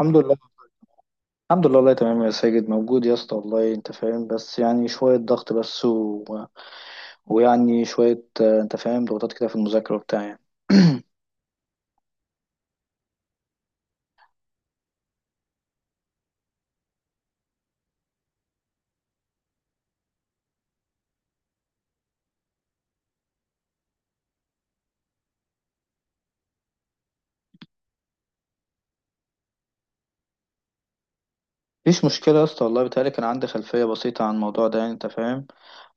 الحمد لله. الحمد لله، والله تمام يا ساجد، موجود يا اسطى، والله انت فاهم، بس يعني شوية ضغط بس ويعني شوية انت فاهم ضغوطات كده في المذاكرة وبتاع يعني. مفيش مشكلة يا اسطى، والله بيتهيألي كان عندي خلفية بسيطة عن الموضوع ده، يعني انت فاهم.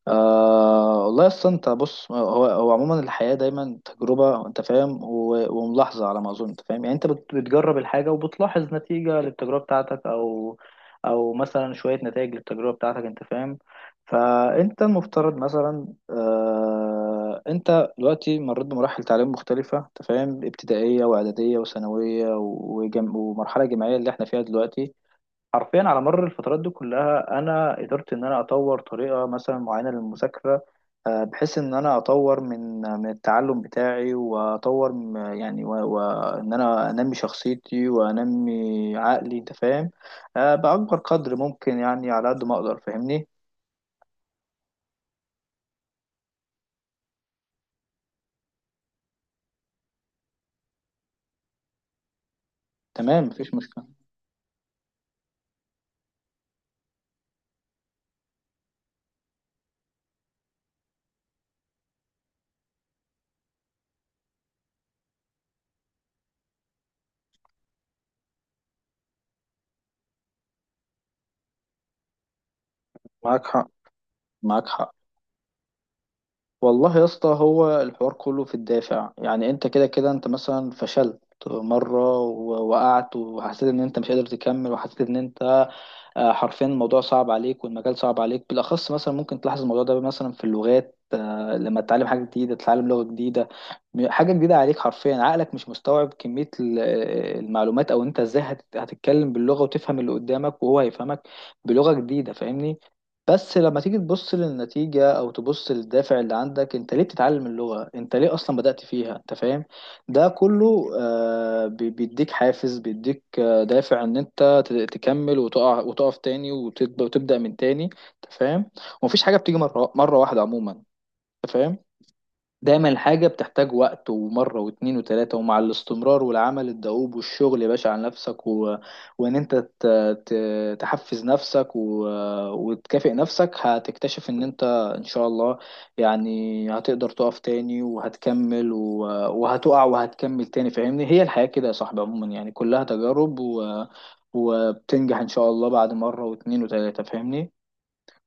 آه والله، اصل انت بص، هو عموما الحياه دايما تجربه، انت فاهم، وملاحظه، على ما اظن، انت فاهم، يعني انت بتجرب الحاجه وبتلاحظ نتيجه للتجربه بتاعتك، او مثلا شويه نتائج للتجربه بتاعتك، انت فاهم. فانت المفترض مثلا انت دلوقتي مريت بمراحل تعليم مختلفه، انت فاهم، ابتدائيه واعداديه وثانويه ومرحله جامعيه اللي احنا فيها دلوقتي. حرفيا على مر الفترات دي كلها انا قدرت ان انا اطور طريقه مثلا معينه للمذاكره، بحيث ان انا اطور من التعلم بتاعي واطور يعني وان انا انمي شخصيتي وانمي عقلي، انت فاهم، باكبر قدر ممكن، يعني على قد ما اقدر، فاهمني. تمام، مفيش مشكله. معاك حق. معاك حق. والله يا اسطى، هو الحوار كله في الدافع، يعني انت كده كده انت مثلا فشلت مرة وقعت وحسيت ان انت مش قادر تكمل، وحسيت ان انت حرفيا الموضوع صعب عليك والمجال صعب عليك، بالاخص مثلا ممكن تلاحظ الموضوع ده مثلا في اللغات. لما تتعلم حاجه جديده، تتعلم لغه جديده، حاجه جديده عليك، حرفيا عقلك مش مستوعب كميه المعلومات، او انت ازاي هتتكلم باللغه وتفهم اللي قدامك وهو هيفهمك بلغه جديده، فاهمني. بس لما تيجي تبص للنتيجة، أو تبص للدافع اللي عندك، أنت ليه بتتعلم اللغة؟ أنت ليه أصلا بدأت فيها؟ أنت فاهم؟ ده كله بيديك حافز، بيديك دافع ان انت تكمل وتقع وتقف تاني وتبدا من تاني، انت فاهم. ومفيش حاجه بتيجي مره مره واحده عموما، انت فاهم. دايما الحاجة بتحتاج وقت ومرة واتنين وتلاتة، ومع الاستمرار والعمل الدؤوب والشغل يا باشا على نفسك وإن أنت ت... تحفز نفسك وتكافئ نفسك، هتكتشف إن أنت إن شاء الله، يعني هتقدر تقف تاني وهتكمل وهتقع وهتكمل تاني، فاهمني. هي الحياة كده يا صاحبي، عموما يعني كلها تجارب وبتنجح إن شاء الله بعد مرة واتنين وتلاتة، فاهمني.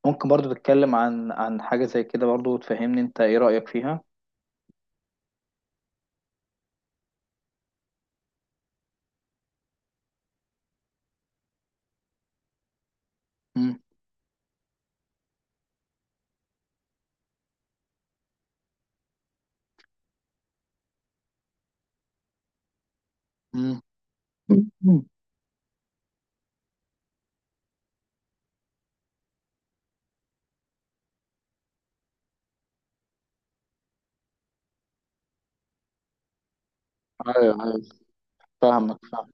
ممكن برضو تتكلم عن حاجة زي كده برضو وتفهمني أنت إيه رأيك فيها؟ مم. مم. ايوه، ايوه. فاهمك، فاهم.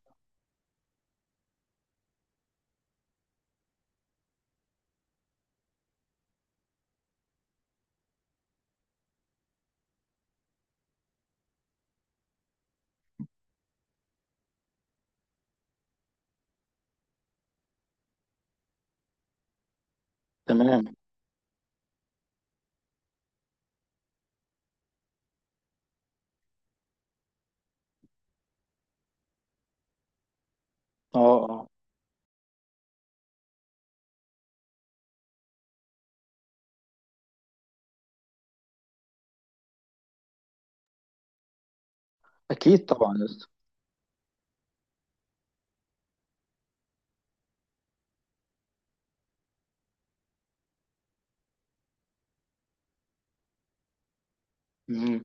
تمام. اه، اه. اكيد طبعا يا اسطى. مم.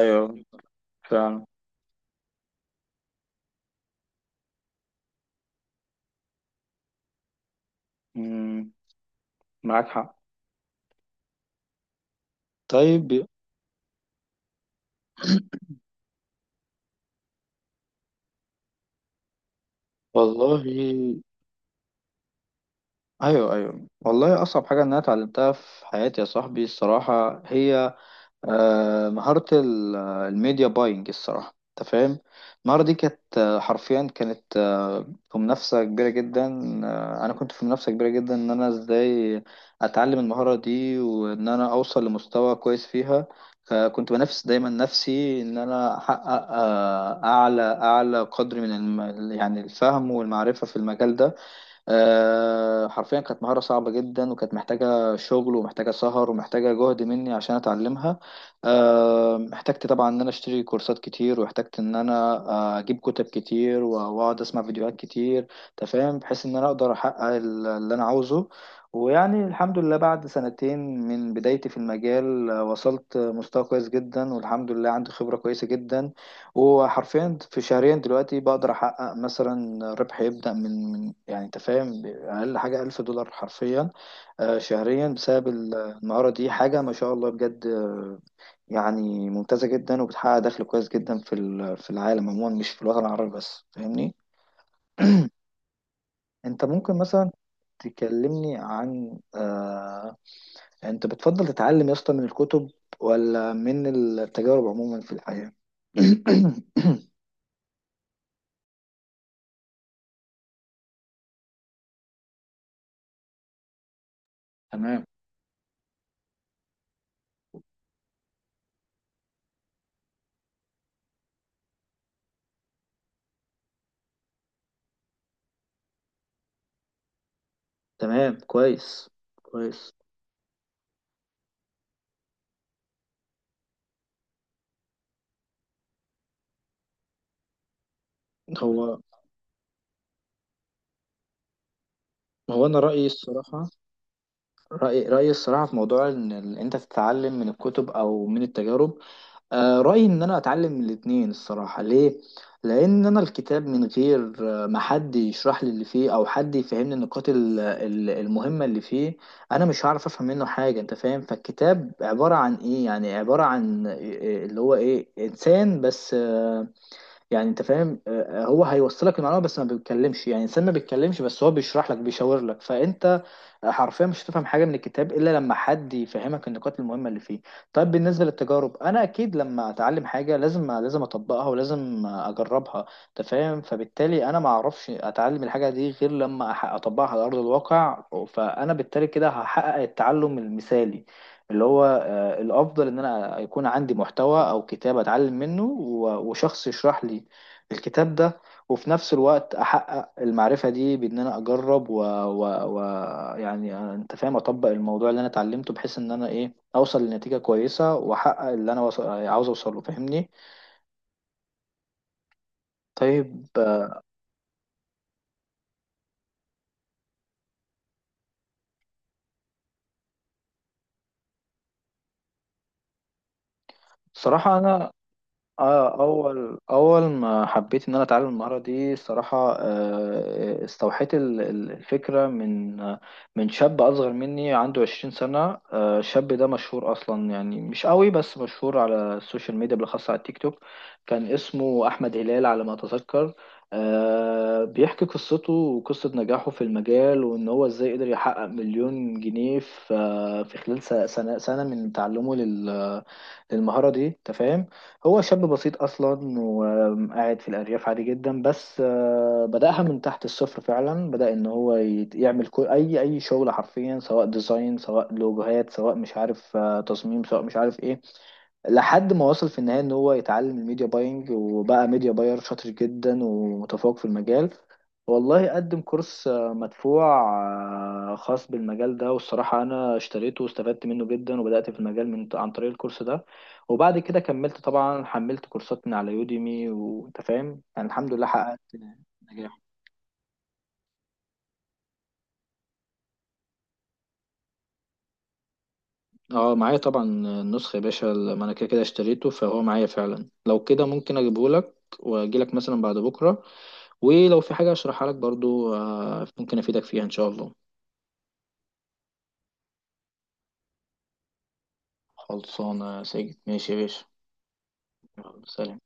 ايوه، فعلا. مم. معاك حق. طيب. والله، ايوه ايوه، والله اصعب حاجه ان انا اتعلمتها في حياتي يا صاحبي الصراحه هي مهارة الميديا باينج الصراحة، انت فاهم. المهارة دي كانت حرفيا كانت في منافسة كبيرة جدا. انا كنت في منافسة كبيرة جدا ان انا ازاي اتعلم المهارة دي وان انا اوصل لمستوى كويس فيها، فكنت بنافس دايما نفسي ان انا احقق اعلى قدر من يعني الفهم والمعرفة في المجال ده. حرفيا كانت مهارة صعبة جدا، وكانت محتاجة شغل ومحتاجة سهر ومحتاجة جهد مني عشان أتعلمها. احتجت طبعا إن أنا أشتري كورسات كتير، واحتجت إن أنا أجيب كتب كتير وأقعد أسمع فيديوهات كتير تفهم، بحيث إن أنا أقدر أحقق اللي أنا عاوزه. ويعني الحمد لله بعد سنتين من بدايتي في المجال، وصلت مستوى كويس جدا، والحمد لله عندي خبرة كويسة جدا. وحرفيا في شهرين دلوقتي بقدر احقق مثلا ربح يبدأ من يعني انت فاهم اقل حاجة ألف دولار حرفيا، شهريا بسبب المهارة دي، حاجة ما شاء الله بجد، يعني ممتازة جدا وبتحقق دخل كويس جدا في في العالم عموما، مش في الوطن العربي بس، فاهمني. انت ممكن مثلا تكلمني عن انت بتفضل تتعلم يا اسطى من الكتب ولا من التجارب عموما في الحياة؟ تمام. تمام، كويس. كويس. هو هو انا رايي الصراحه، رايي الصراحه في موضوع ان انت تتعلم من الكتب او من التجارب، آه، رايي ان انا اتعلم من الاتنين الصراحه. ليه؟ لان انا الكتاب من غير ما حد يشرح لي اللي فيه او حد يفهمني النقاط المهمه اللي فيه، انا مش هعرف افهم منه حاجه، انت فاهم. فالكتاب عباره عن ايه؟ يعني عباره عن اللي هو ايه، انسان بس، يعني انت فاهم، هو هيوصلك المعلومه بس ما بيتكلمش، يعني الانسان ما بيتكلمش، بس هو بيشرح لك بيشاور لك، فانت حرفيا مش هتفهم حاجه من الكتاب الا لما حد يفهمك النقاط المهمه اللي فيه. طيب، بالنسبه للتجارب، انا اكيد لما اتعلم حاجه لازم اطبقها ولازم اجربها، انت فاهم، فبالتالي انا ما اعرفش اتعلم الحاجه دي غير لما اطبقها على ارض الواقع. فانا بالتالي كده هحقق التعلم المثالي اللي هو الافضل، ان انا يكون عندي محتوى او كتاب اتعلم منه وشخص يشرح لي الكتاب ده، وفي نفس الوقت احقق المعرفة دي بان انا اجرب و... يعني انت فاهم اطبق الموضوع اللي انا اتعلمته، بحيث ان انا ايه، اوصل لنتيجة كويسة واحقق اللي انا عاوز اوصله، فاهمني. طيب. صراحة انا اه، اول اول ما حبيت ان انا اتعلم المهاره دي الصراحه، استوحيت الفكره من من شاب اصغر مني، عنده 20 سنه. الشاب ده مشهور اصلا يعني مش قوي، بس مشهور على السوشيال ميديا، بالاخص على التيك توك. كان اسمه احمد هلال على ما اتذكر، بيحكي قصته وقصه نجاحه في المجال، وان هو ازاي قدر يحقق مليون جنيه في في خلال سنه من تعلمه للمهاره دي، تفهم. هو شاب بسيط اصلا وقاعد في الارياف عادي جدا، بس بداها من تحت الصفر فعلا، بدا ان هو يعمل كل اي اي شغل حرفيا، سواء ديزاين، سواء لوجوهات، سواء مش عارف تصميم، سواء مش عارف ايه، لحد ما وصل في النهايه ان هو يتعلم الميديا باينج، وبقى ميديا باير شاطر جدا ومتفوق في المجال. والله قدم كورس مدفوع خاص بالمجال ده، والصراحه انا اشتريته واستفدت منه جدا، وبدات في المجال من عن طريق الكورس ده. وبعد كده كملت طبعا، حملت كورسات من على يوديمي، وانت فاهم، يعني الحمد لله حققت نجاح. اه معايا طبعا النسخة يا باشا، ما انا كده كده اشتريته، فهو معايا فعلا، لو كده ممكن اجيبه لك واجي لك مثلا بعد بكرة، ولو في حاجة اشرحها لك برضو ممكن افيدك فيها ان شاء الله. خلصانة يا سيد، ماشي يا باشا. يلا، سلام.